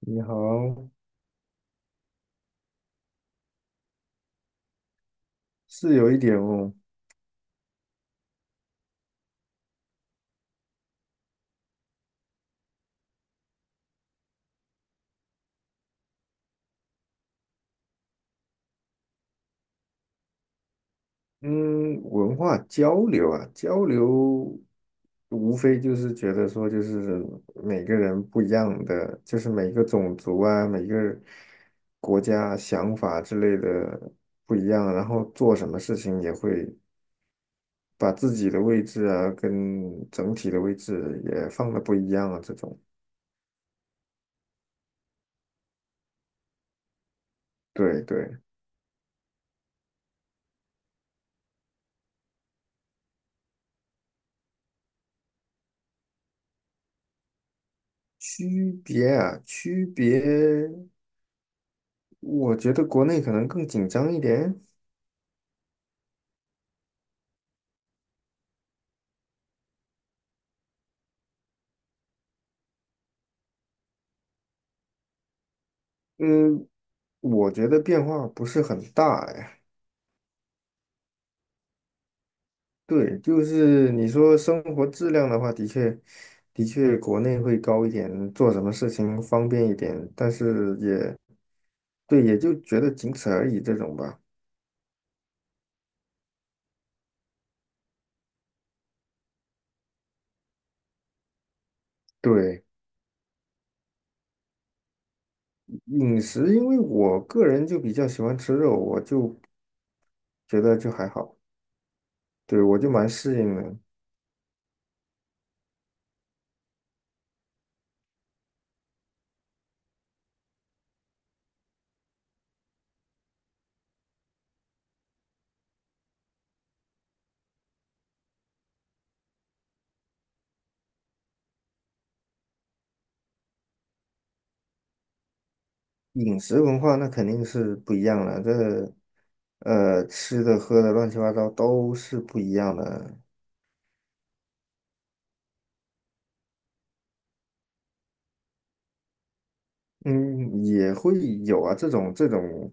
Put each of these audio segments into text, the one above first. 你好，是有一点哦。嗯，文化交流啊，交流无非就是觉得说，就是每个人不一样的，就是每个种族啊，每个国家啊想法之类的不一样，然后做什么事情也会把自己的位置啊，跟整体的位置也放的不一样啊，这种，对对。区别啊，区别，我觉得国内可能更紧张一点。嗯，我觉得变化不是很大呀。对，就是你说生活质量的话，的确，的确国内会高一点，做什么事情方便一点，但是也，对，也就觉得仅此而已这种吧。对，饮食，因为我个人就比较喜欢吃肉，我就觉得就还好，对，我就蛮适应的。饮食文化那肯定是不一样了，这，吃的喝的乱七八糟都是不一样的。嗯，也会有啊，这种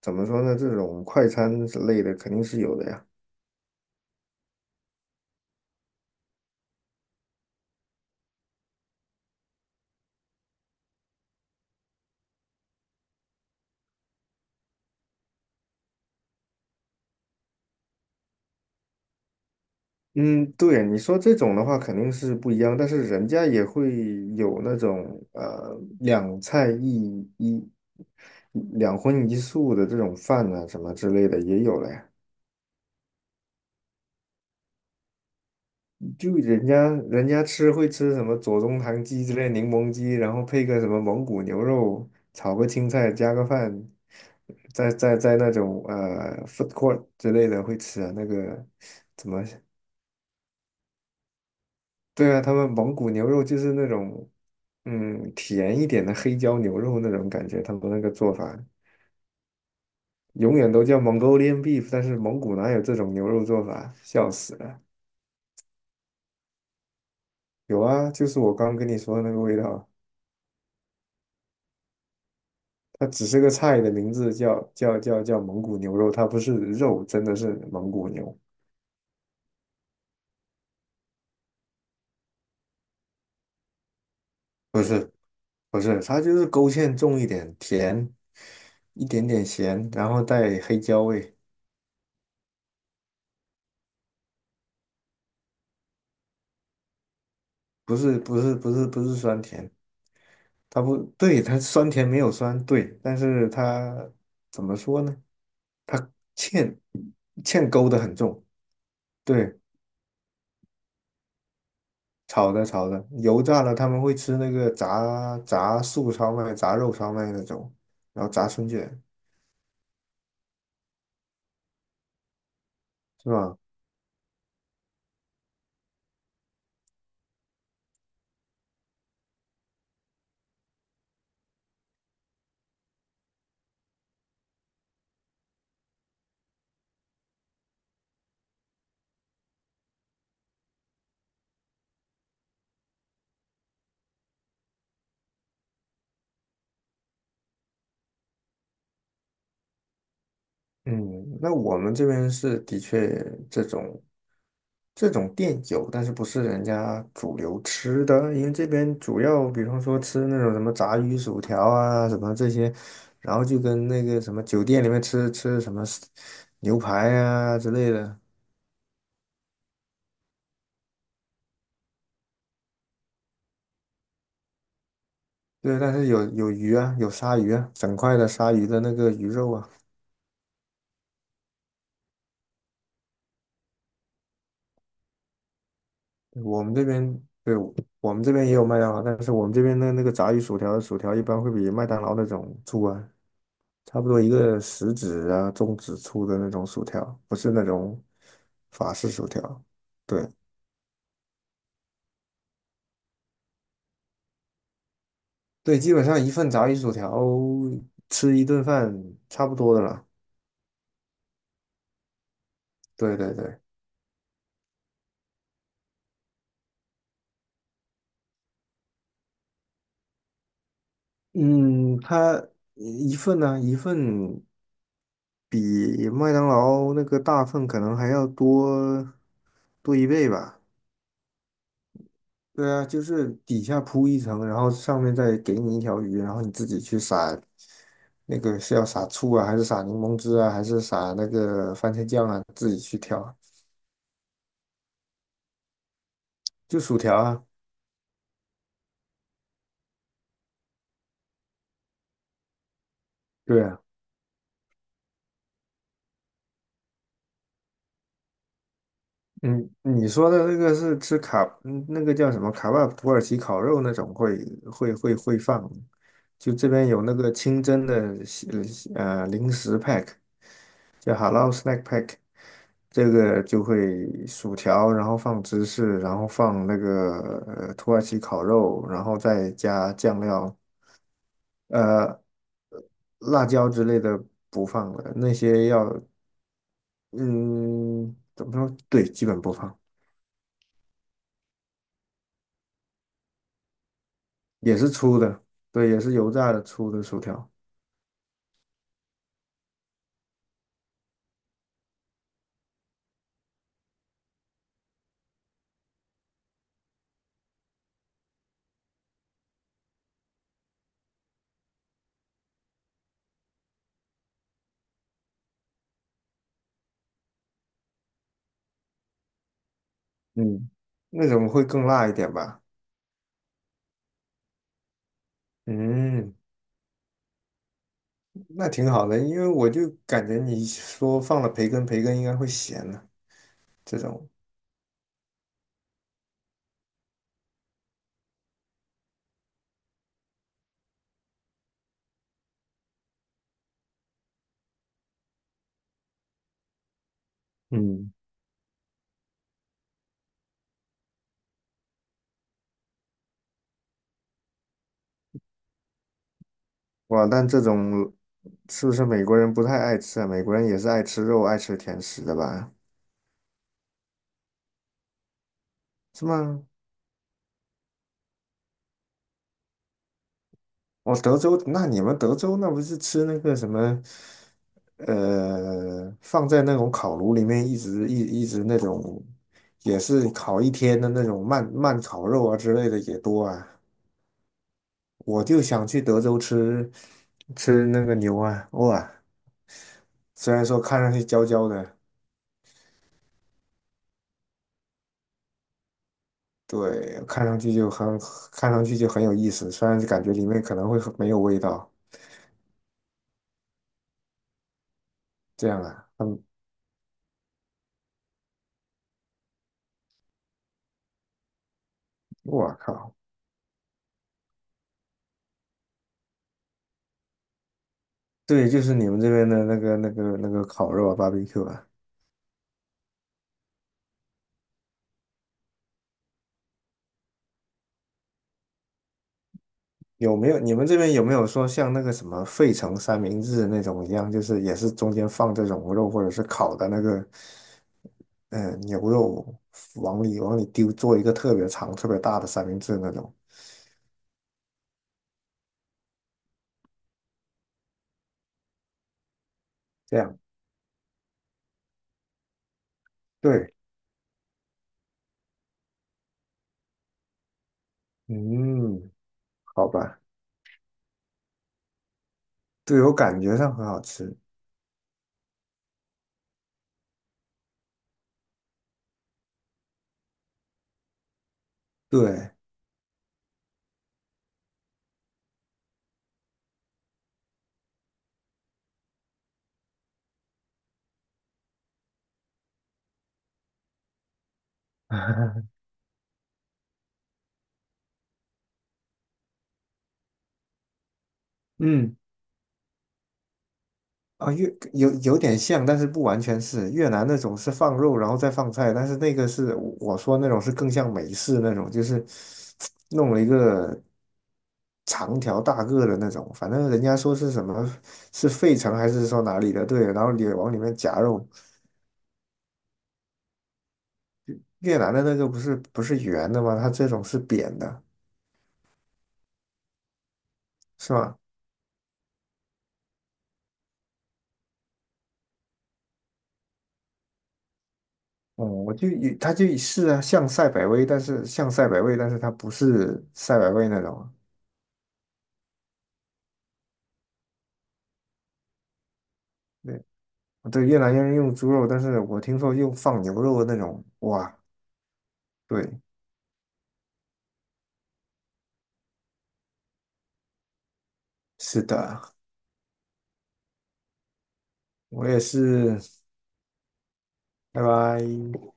怎么说呢？这种快餐之类的肯定是有的呀。嗯，对啊，你说这种的话肯定是不一样，但是人家也会有那种两荤一素的这种饭啊什么之类的也有了呀。就人家吃会吃什么左宗棠鸡之类柠檬鸡，然后配个什么蒙古牛肉，炒个青菜，加个饭，在那种food court 之类的会吃啊，那个怎么？对啊，他们蒙古牛肉就是那种嗯甜一点的黑椒牛肉那种感觉，他们那个做法永远都叫 Mongolian beef，但是蒙古哪有这种牛肉做法？笑死了！有啊，就是我刚跟你说的那个味道。它只是个菜的名字叫蒙古牛肉，它不是肉，真的是蒙古牛，不是不是，它就是勾芡重一点，甜一点点咸，然后带黑椒味，不是不是不是不是酸甜，它不对，它酸甜没有酸，对，但是它怎么说呢？它芡芡勾的很重，对，炒的，油炸了他们会吃那个炸素烧麦、炸肉烧麦那种，然后炸春卷。是吧？嗯，那我们这边是的确这种这种店有，但是不是人家主流吃的，因为这边主要比方说吃那种什么炸鱼薯条啊，什么这些，然后就跟那个什么酒店里面吃什么牛排啊之类的，对，但是有鱼啊，有鲨鱼啊，整块的鲨鱼的那个鱼肉啊，我们这边对我们这边也有麦当劳，但是我们这边的那个炸鱼薯条的薯条一般会比麦当劳那种粗啊。差不多一个食指啊、中指粗的那种薯条，不是那种法式薯条。对对，基本上一份炸鱼薯条吃一顿饭差不多的了。对对对。嗯，它一份呢、一份比麦当劳那个大份可能还要多多一倍吧。对啊，就是底下铺一层，然后上面再给你一条鱼，然后你自己去撒那个是要撒醋啊，还是撒柠檬汁啊，还是撒那个番茄酱啊，自己去挑。就薯条啊。对啊。嗯，你说的那个是吃卡，嗯那个叫什么卡巴土耳其烤肉那种会放，就这边有那个清真的西零食 pack，叫 Halal Snack Pack，这个就会薯条，然后放芝士，然后放那个土耳其烤肉，然后再加酱料。呃，辣椒之类的不放了，那些要嗯怎么说？对，基本不放，也是粗的，对，也是油炸的粗的薯条。嗯，那种会更辣一点吧。嗯，那挺好的，因为我就感觉你说放了培根，培根应该会咸呢。这种。嗯，哇，但这种是不是美国人不太爱吃啊？美国人也是爱吃肉、爱吃甜食的吧？是吗？哦，德州，那你们德州那不是吃那个什么。放在那种烤炉里面一直那种，也是烤一天的那种慢慢烤肉啊之类的也多啊。我就想去德州吃那个牛啊，哇，虽然说看上去焦焦的，对，看上去就很，看上去就很有意思，虽然感觉里面可能会很没有味道。这样啊，嗯，我靠，对，就是你们这边的那个、那个、那个烤肉啊，barbecue 啊，有没有？你们这边有没有说像那个什么费城三明治那种一样，就是也是中间放这种肉或者是烤的那个。牛肉往里丢，做一个特别长、特别大的三明治那种？这样，对，嗯，好吧，对我感觉上很好吃，对。嗯，啊，越有有点像，但是不完全是越南那种是放肉然后再放菜，但是那个是我说那种是更像美式那种，就是 弄了一个长条大个的那种，反正人家说是什么是费城还是说哪里的，对，然后也往里面夹肉。越南的那个不是不是圆的吗？它这种是扁的，是吗？哦、我就以它就是啊，像赛百味，但是像赛百味，但是它不是赛百味那种啊对对，越南人用猪肉，但是我听说用放牛肉的那种，哇，对，是的，我也是，拜拜。